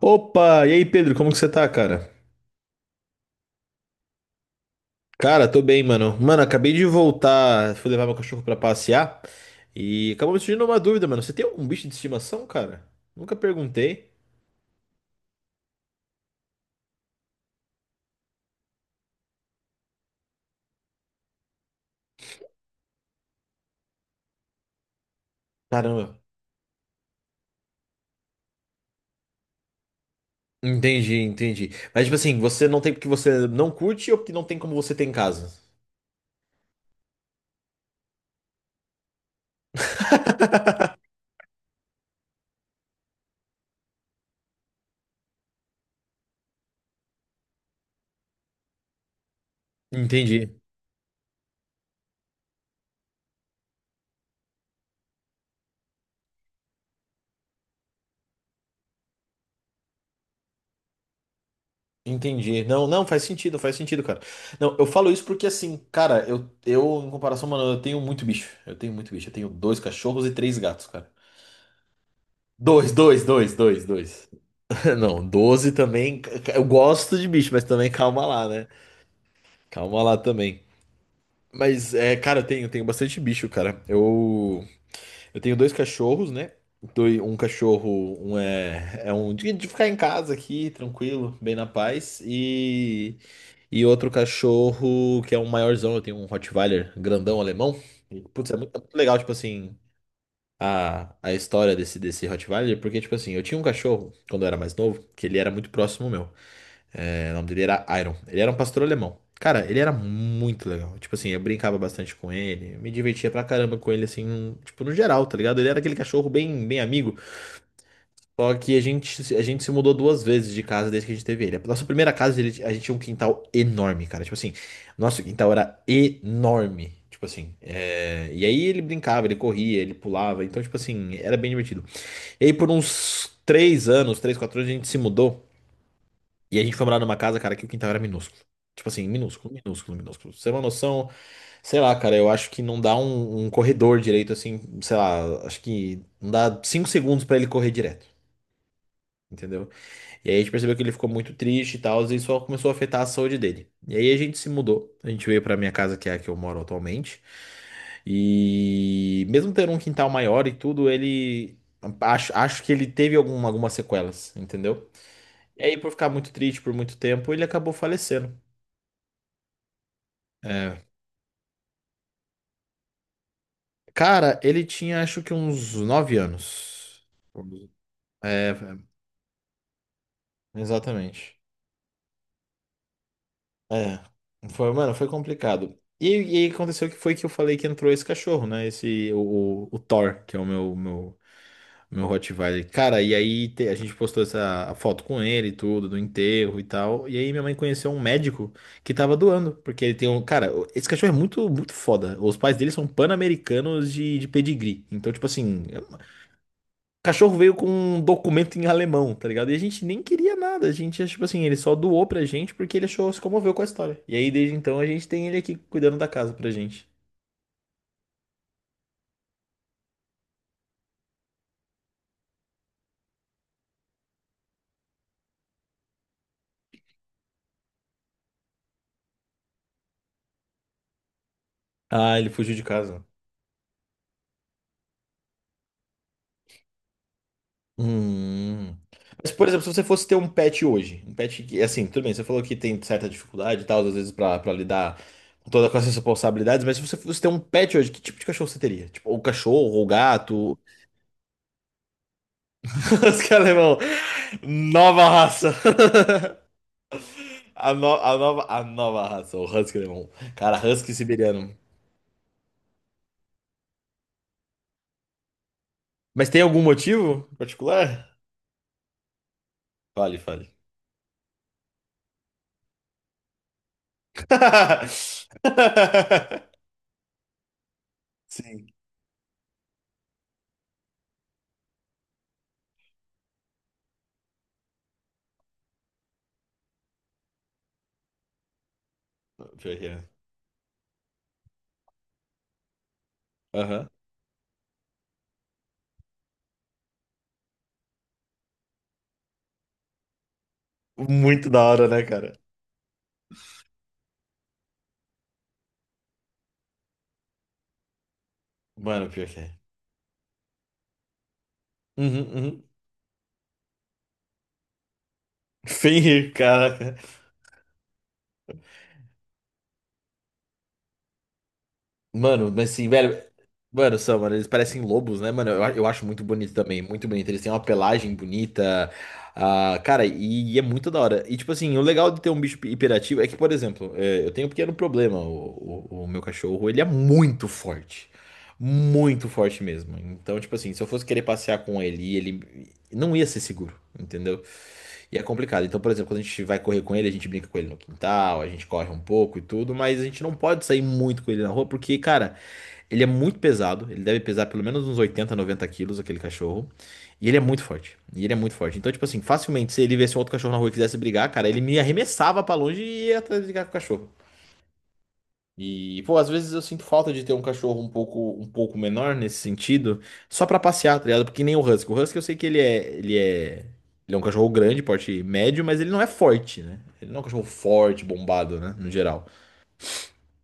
Opa, e aí Pedro, como que você tá, cara? Cara, tô bem, mano. Mano, acabei de voltar, fui levar meu cachorro pra passear e acabou me surgindo uma dúvida, mano. Você tem algum bicho de estimação, cara? Nunca perguntei. Caramba. Entendi, entendi. Mas tipo assim, você não tem porque você não curte ou porque não tem como você tem em casa? Entendi. Entendi. Não, não, faz sentido, cara. Não, eu falo isso porque assim, cara, eu em comparação, mano, eu tenho muito bicho. Eu tenho muito bicho. Eu tenho dois cachorros e três gatos, cara. Dois, dois, dois, dois, dois. Não, 12 também. Eu gosto de bicho, mas também calma lá, né? Calma lá também. Mas, é, cara, eu tenho bastante bicho, cara. Eu tenho dois cachorros, né? Um cachorro, um é um de ficar em casa aqui, tranquilo, bem na paz. E outro cachorro que é um maiorzão, eu tenho um Rottweiler grandão alemão. E, putz, é muito legal, tipo assim, a história desse Rottweiler, porque, tipo assim, eu tinha um cachorro quando eu era mais novo, que ele era muito próximo meu. É, o nome dele era Iron. Ele era um pastor alemão. Cara, ele era muito legal. Tipo assim, eu brincava bastante com ele, eu me divertia pra caramba com ele, assim, tipo, no geral, tá ligado? Ele era aquele cachorro bem, bem amigo. Só que a gente se mudou duas vezes de casa desde que a gente teve ele. A nossa primeira casa, a gente tinha um quintal enorme, cara. Tipo assim, nosso quintal era enorme. Tipo assim, é, e aí ele brincava, ele corria, ele pulava. Então, tipo assim, era bem divertido. E aí por uns 3 anos, três, 4 anos, a gente se mudou. E a gente foi morar numa casa, cara, que o quintal era minúsculo. Tipo assim, minúsculo, minúsculo, minúsculo. Pra você ter uma noção, sei lá, cara, eu acho que não dá um corredor direito, assim, sei lá, acho que não dá 5 segundos pra ele correr direto, entendeu? E aí a gente percebeu que ele ficou muito triste e tal, e isso começou a afetar a saúde dele. E aí a gente se mudou. A gente veio pra minha casa, que é a que eu moro atualmente. E mesmo ter um quintal maior e tudo, ele acho que ele teve algum, algumas sequelas, entendeu? E aí, por ficar muito triste por muito tempo, ele acabou falecendo. É. Cara, ele tinha acho que uns 9 anos. É, é, exatamente. É, foi, mano, foi complicado. E aí aconteceu que foi que eu falei que entrou esse cachorro, né? O Thor, que é o meu Rottweiler. Cara, e aí a gente postou essa a foto com ele e tudo, do enterro e tal. E aí minha mãe conheceu um médico que tava doando, porque ele tem um. Cara, esse cachorro é muito, muito foda. Os pais dele são pan-americanos de pedigree. Então, tipo assim, o cachorro veio com um documento em alemão, tá ligado? E a gente nem queria nada, a gente, tipo assim, ele só doou pra gente porque ele achou, se comoveu com a história. E aí, desde então, a gente tem ele aqui cuidando da casa pra gente. Ah, ele fugiu de casa. Hum. Mas, por exemplo, se você fosse ter um pet hoje, um pet que, assim, tudo bem, você falou que tem certa dificuldade e tal, às vezes pra lidar com essas responsabilidades, mas se você fosse ter um pet hoje, que tipo de cachorro você teria? Tipo, ou cachorro, ou gato, os que é alemão, nova raça. A, no- a nova raça, o Husky Alemão. Cara, Husky Siberiano. Mas tem algum motivo particular? Fale, fale. Sim. Pior que é. Aham. Muito da hora, né, cara? Mano, pior que é. Uhum, uhum. Fenrir, cara. Mano, mas assim, velho. Mano, são, mano, eles parecem lobos, né, mano? Eu acho muito bonito também, muito bonito. Eles têm uma pelagem bonita. Ah, cara, e é muito da hora. E, tipo assim, o legal de ter um bicho hiperativo é que, por exemplo, é, eu tenho um pequeno problema. O meu cachorro, ele é muito forte. Muito forte mesmo. Então, tipo assim, se eu fosse querer passear com ele, ele não ia ser seguro, entendeu? E é complicado. Então, por exemplo, quando a gente vai correr com ele, a gente brinca com ele no quintal, a gente corre um pouco e tudo, mas a gente não pode sair muito com ele na rua, porque, cara. Ele é muito pesado, ele deve pesar pelo menos uns 80, 90 quilos, aquele cachorro. E ele é muito forte. E ele é muito forte. Então, tipo assim, facilmente, se ele viesse um outro cachorro na rua e quisesse brigar, cara, ele me arremessava pra longe e ia atrás de brigar com o cachorro. E, pô, às vezes eu sinto falta de ter um cachorro um pouco menor nesse sentido, só pra passear, tá ligado? Porque nem o Husky. O Husky eu sei que ele é um cachorro grande, porte médio, mas ele não é forte, né? Ele não é um cachorro forte, bombado, né? No geral.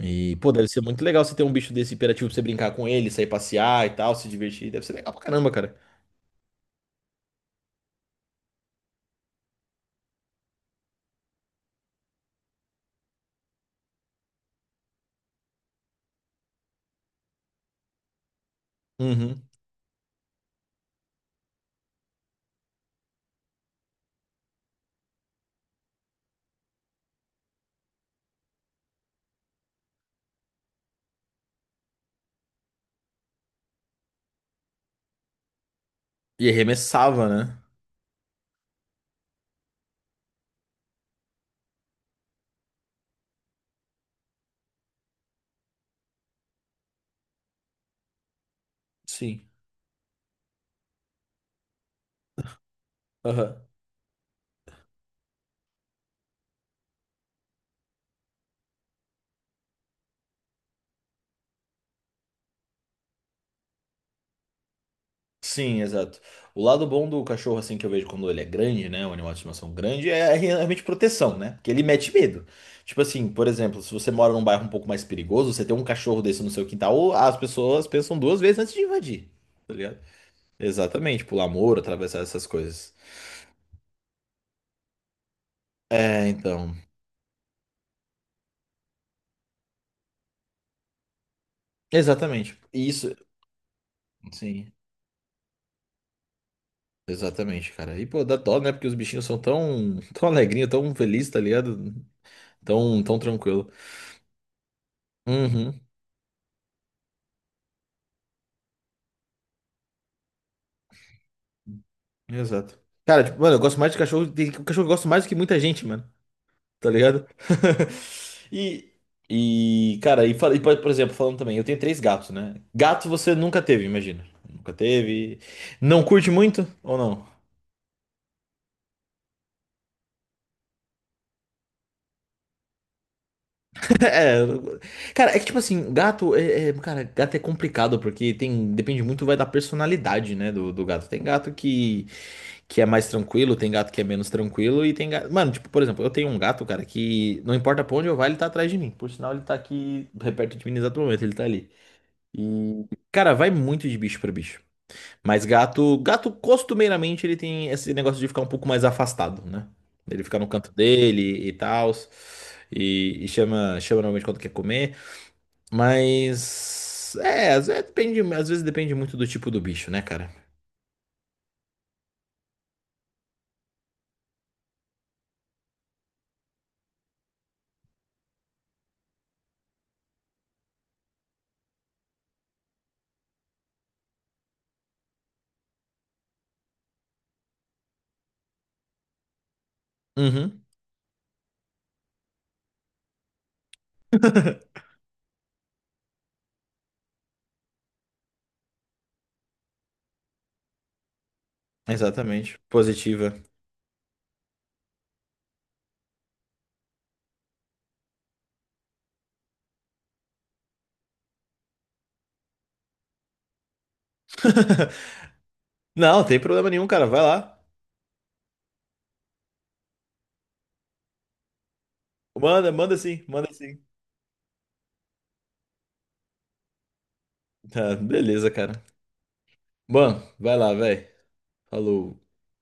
E, pô, deve ser muito legal você ter um bicho desse hiperativo pra você brincar com ele, sair passear e tal, se divertir. Deve ser legal pra caramba, cara. Uhum. E arremessava, né? Sim. Aham. Sim, exato. O lado bom do cachorro, assim, que eu vejo quando ele é grande, né? Um animal de estimação grande, é realmente proteção, né? Porque ele mete medo. Tipo assim, por exemplo, se você mora num bairro um pouco mais perigoso, você tem um cachorro desse no seu quintal, as pessoas pensam duas vezes antes de invadir. Tá ligado? Exatamente, pular muro, atravessar essas coisas. É, então. Exatamente. Isso, sim. Exatamente, cara. E, pô, dá dó, né? Porque os bichinhos são tão, tão alegrinhos, tão felizes, tá ligado? Tão, tão tranquilo. Uhum, exato. Cara, tipo, mano, eu gosto mais de cachorro. Tem um cachorro que eu gosto mais do que muita gente, mano. Tá ligado? E, e cara, e, e, por exemplo, falando também, eu tenho três gatos, né? Gato você nunca teve, imagina. Nunca teve. Não curte muito ou não? É, cara, é que tipo assim, gato cara, gato é complicado porque tem, depende muito vai da personalidade, né, do gato. Tem gato que é mais tranquilo, tem gato que é menos tranquilo e tem gato, mano, tipo, por exemplo, eu tenho um gato, cara, que não importa pra onde eu vá, ele tá atrás de mim. Por sinal, ele tá aqui perto de mim no exato momento, ele tá ali. E, cara, vai muito de bicho pra bicho. Mas gato costumeiramente ele tem esse negócio de ficar um pouco mais afastado, né? Ele fica no canto dele e tal. E chama normalmente quando quer comer. Mas. É, às vezes depende muito do tipo do bicho, né, cara? Uhum. Exatamente. Positiva. Não, tem problema nenhum, cara. Vai lá. Manda, manda sim, manda sim. Tá, beleza, cara. Bom, vai lá, velho. Falou.